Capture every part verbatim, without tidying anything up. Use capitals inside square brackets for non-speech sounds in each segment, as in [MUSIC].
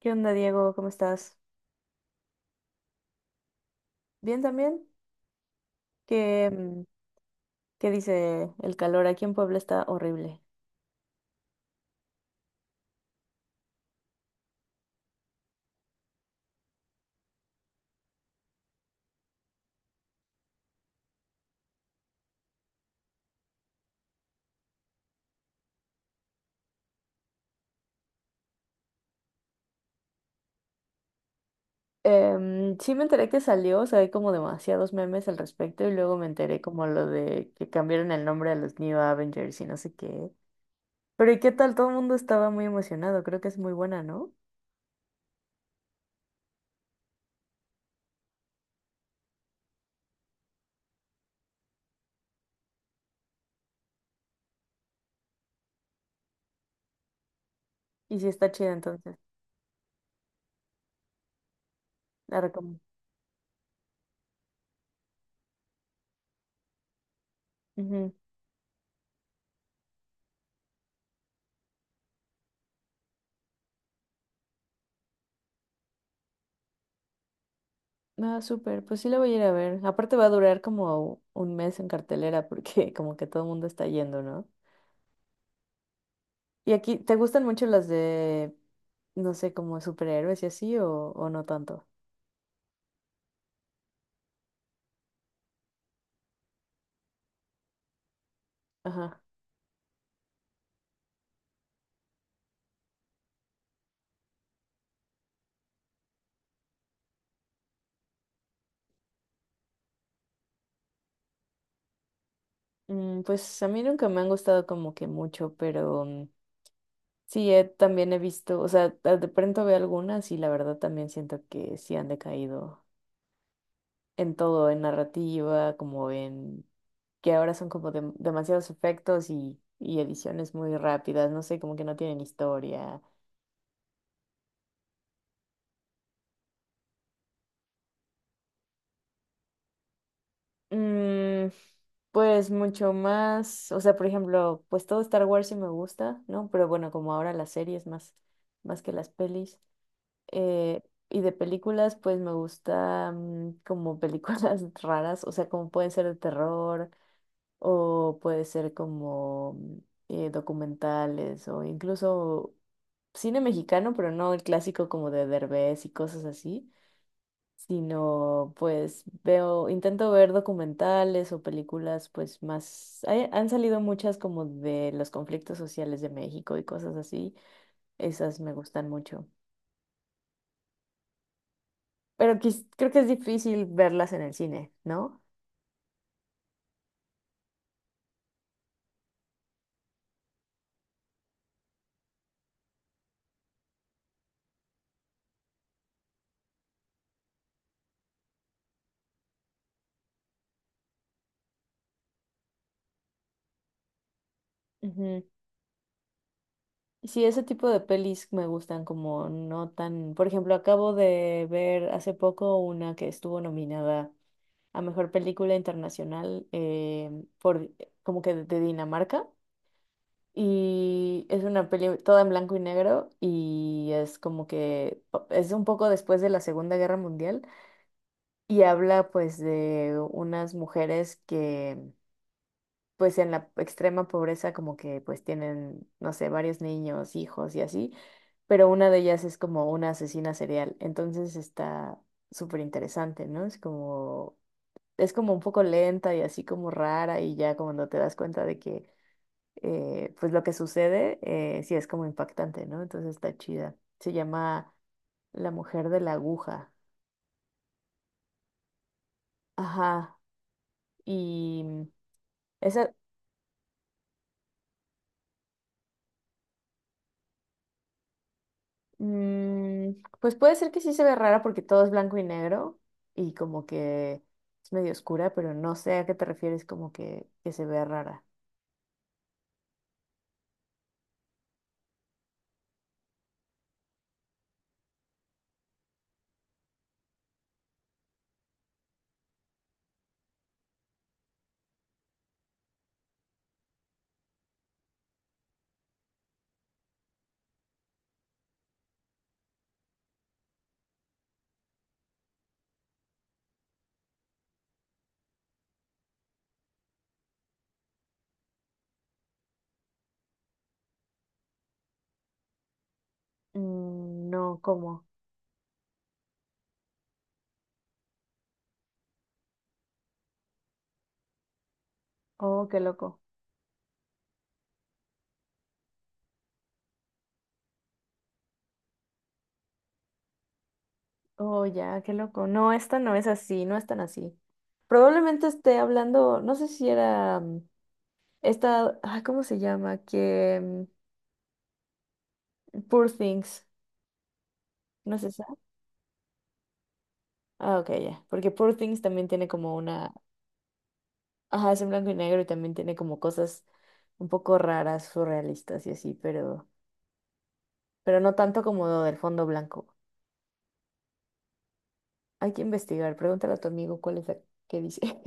¿Qué onda, Diego? ¿Cómo estás? ¿Bien también? ¿Qué, mm, qué dice el calor? Aquí en Puebla está horrible. Em, sí me enteré que salió, o sea, hay como demasiados memes al respecto y luego me enteré como lo de que cambiaron el nombre a los New Avengers y no sé qué. Pero ¿y qué tal? Todo el mundo estaba muy emocionado, creo que es muy buena, ¿no? Y sí está chida entonces, la recomiendo. Ujú. Ah, súper, pues sí la voy a ir a ver. Aparte va a durar como un mes en cartelera porque [LAUGHS] como que todo el mundo está yendo, ¿no? ¿Y aquí te gustan mucho las de, no sé, como superhéroes y así o, o no tanto? Ajá. Mm, pues a mí nunca me han gustado como que mucho, pero mm, sí, he- también he visto, o sea, de de pronto veo algunas y la verdad también siento que sí han decaído en todo, en narrativa, como en que ahora son como dem- demasiados efectos y, y ediciones muy rápidas, no sé, como que no tienen historia. Mm, pues mucho más, o sea, por ejemplo, pues todo Star Wars sí me gusta, ¿no? Pero bueno, como ahora las series más, más que las pelis. Eh, y de películas, pues me gusta mm, como películas [LAUGHS] raras, o sea, como pueden ser de terror o puede ser como mm, eh, documentales o incluso cine mexicano, pero no el clásico como de Derbez y cosas así, sino pues veo, intento ver documentales o películas pues más, hay- han salido muchas como de los conflictos sociales de México y cosas así, esas me gustan mucho, pero quis- creo que es difícil verlas en el cine, ¿no? Ujú. Sí, ese tipo de pelis me gustan como no tan, por ejemplo, acabo de ver hace poco una que estuvo nominada a Mejor Película Internacional, eh, por como que de de Dinamarca. Y es una peli toda en blanco y negro y es como que pa- es un poco después de la Segunda Guerra Mundial y habla pues de unas mujeres que pues en la extrema pobreza como que pues tienen, no sé, varios niños, hijos y así, pero una de ellas es como una asesina serial. Entonces está súper interesante, ¿no? Es como, es como un poco lenta y así como rara y ya cuando te das cuenta de que, eh, pues lo que sucede, eh, sí es como impactante, ¿no? Entonces está chida. Se llama La Mujer de la Aguja. Ajá. Y mm, esa, mm, pues puede ser que sí se ve rara porque todo es blanco y negro y como que es medio oscura, pero no sé a qué te refieres como que, que se ve rara. Mm, no, ¿cómo? Oh, qué loco. Oh, ya, qué loco. No, esta no es así, no es tan así. Probablemente esté hablando, no sé si era... Esta, ah, ¿cómo se llama? Que mm, Poor Things, ¿no es esa? Ah, ok, ya. Porque Poor Things también tiene como una, ajá, es en blanco y negro y también tiene como cosas un poco raras, surrealistas y así, pero, pero no tanto como lo del fondo blanco. Hay que investigar, pregúntale a tu amigo cuál es la que dice. [LAUGHS]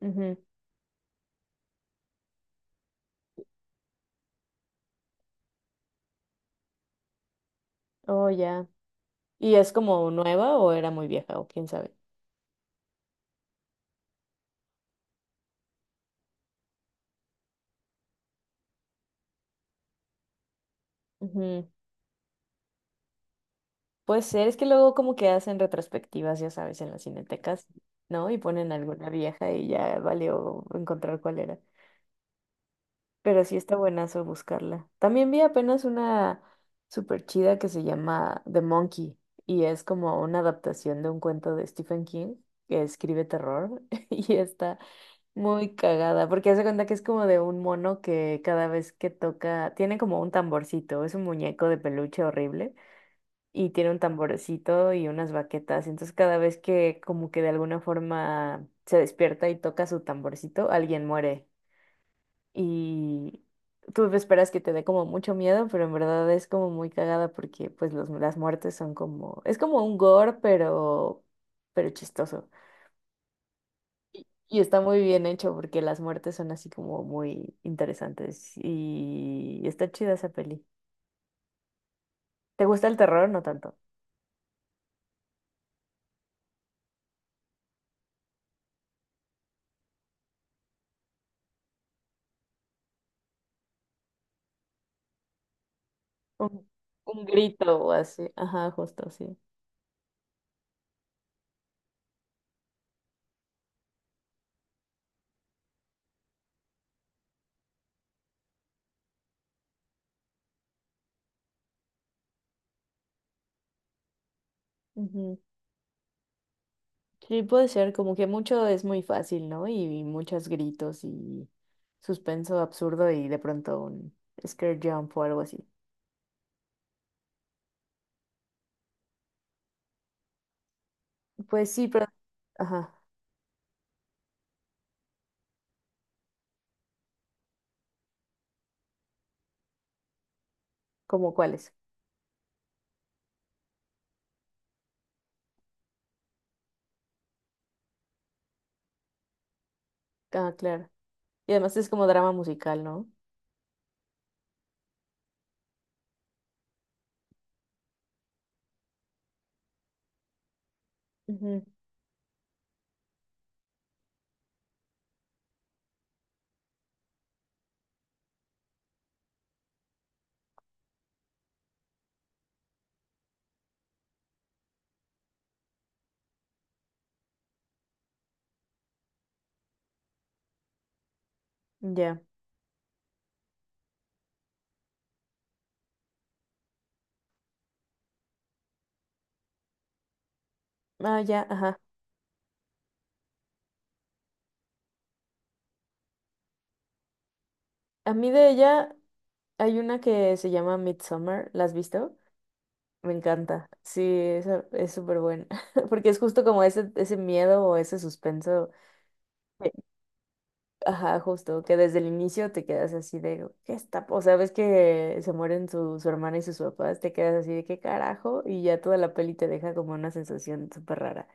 Ujú. Oh, ya. ¿Y es como nueva o era muy vieja o quién sabe? Ujú. Puede ser, es que luego como que hacen retrospectivas, ya sabes, en las cinetecas, ¿no? Y ponen alguna vieja y ya valió encontrar cuál era. Pero sí está buenazo buscarla. También vi apenas una súper chida que se llama The Monkey y es como una adaptación de un cuento de Stephen King que escribe terror [LAUGHS] y está muy cagada porque hace cuenta que es como de un mono que cada vez que toca, tiene como un tamborcito, es un muñeco de peluche horrible y tiene un tamborcito y unas baquetas. Entonces cada vez que como que de alguna forma se despierta y toca su tamborcito, alguien muere. Y tú esperas que te dé como mucho miedo, pero en verdad es como muy cagada porque pues los, las muertes son como... Es como un gore, pero, pero chistoso. Y está muy bien hecho porque las muertes son así como muy interesantes. Y está chida esa peli. ¿Te gusta el terror? No tanto. Un, un grito o así. Ajá, justo, sí. Ujú. Sí, puede ser, como que mucho es muy fácil, ¿no? Y muchos gritos y suspenso absurdo y de pronto un scare jump o algo así. Pues sí, pero, ajá, ¿como cuáles? Ah, claro. Y además es como drama musical, ¿no? Ujú, ya. Ah, ya, ajá. A mí de ella hay una que se llama Midsommar, ¿la has visto? Me encanta. Sí, esa es súper buena, [LAUGHS] porque es justo como ese, ese miedo o ese suspenso. Ajá, justo, que desde el inicio te quedas así de, ¿qué está? O sea, ves que se mueren su, su hermana y sus papás, te quedas así de, ¿qué carajo? Y ya toda la peli te deja como una sensación súper rara.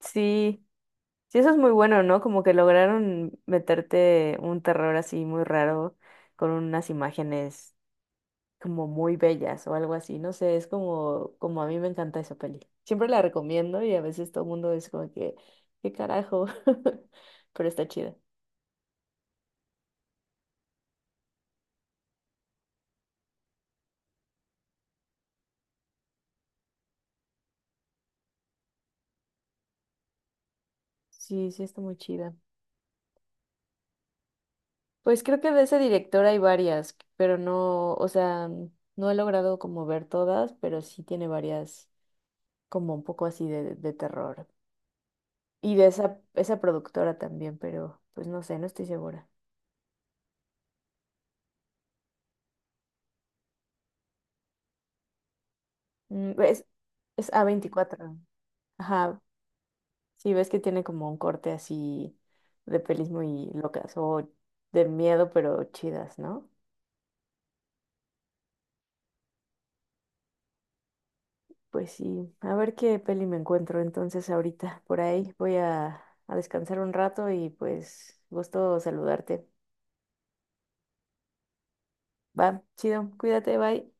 Sí, sí, eso es muy bueno, ¿no? Como que lograron meterte un terror así muy raro con unas imágenes como muy bellas o algo así, no sé, es como, como a mí me encanta esa peli. Siempre la recomiendo y a veces todo el mundo es como que, ¿qué carajo? [LAUGHS] Pero está chida. Sí, sí, está muy chida. Pues creo que de ese director hay varias, pero no, o sea, no he logrado como ver todas, pero sí tiene varias como un poco así de, de terror. Y de esa, esa productora también, pero pues no sé, no estoy segura. Mm, Es, es a veinticuatro. Ajá, sí ves que tiene como un corte así de pelis muy locas o de miedo, pero chidas, ¿no? Pues sí, a ver qué peli me encuentro entonces ahorita. Por ahí voy a, a descansar un rato y pues gusto saludarte. Va, chido, cuídate, bye.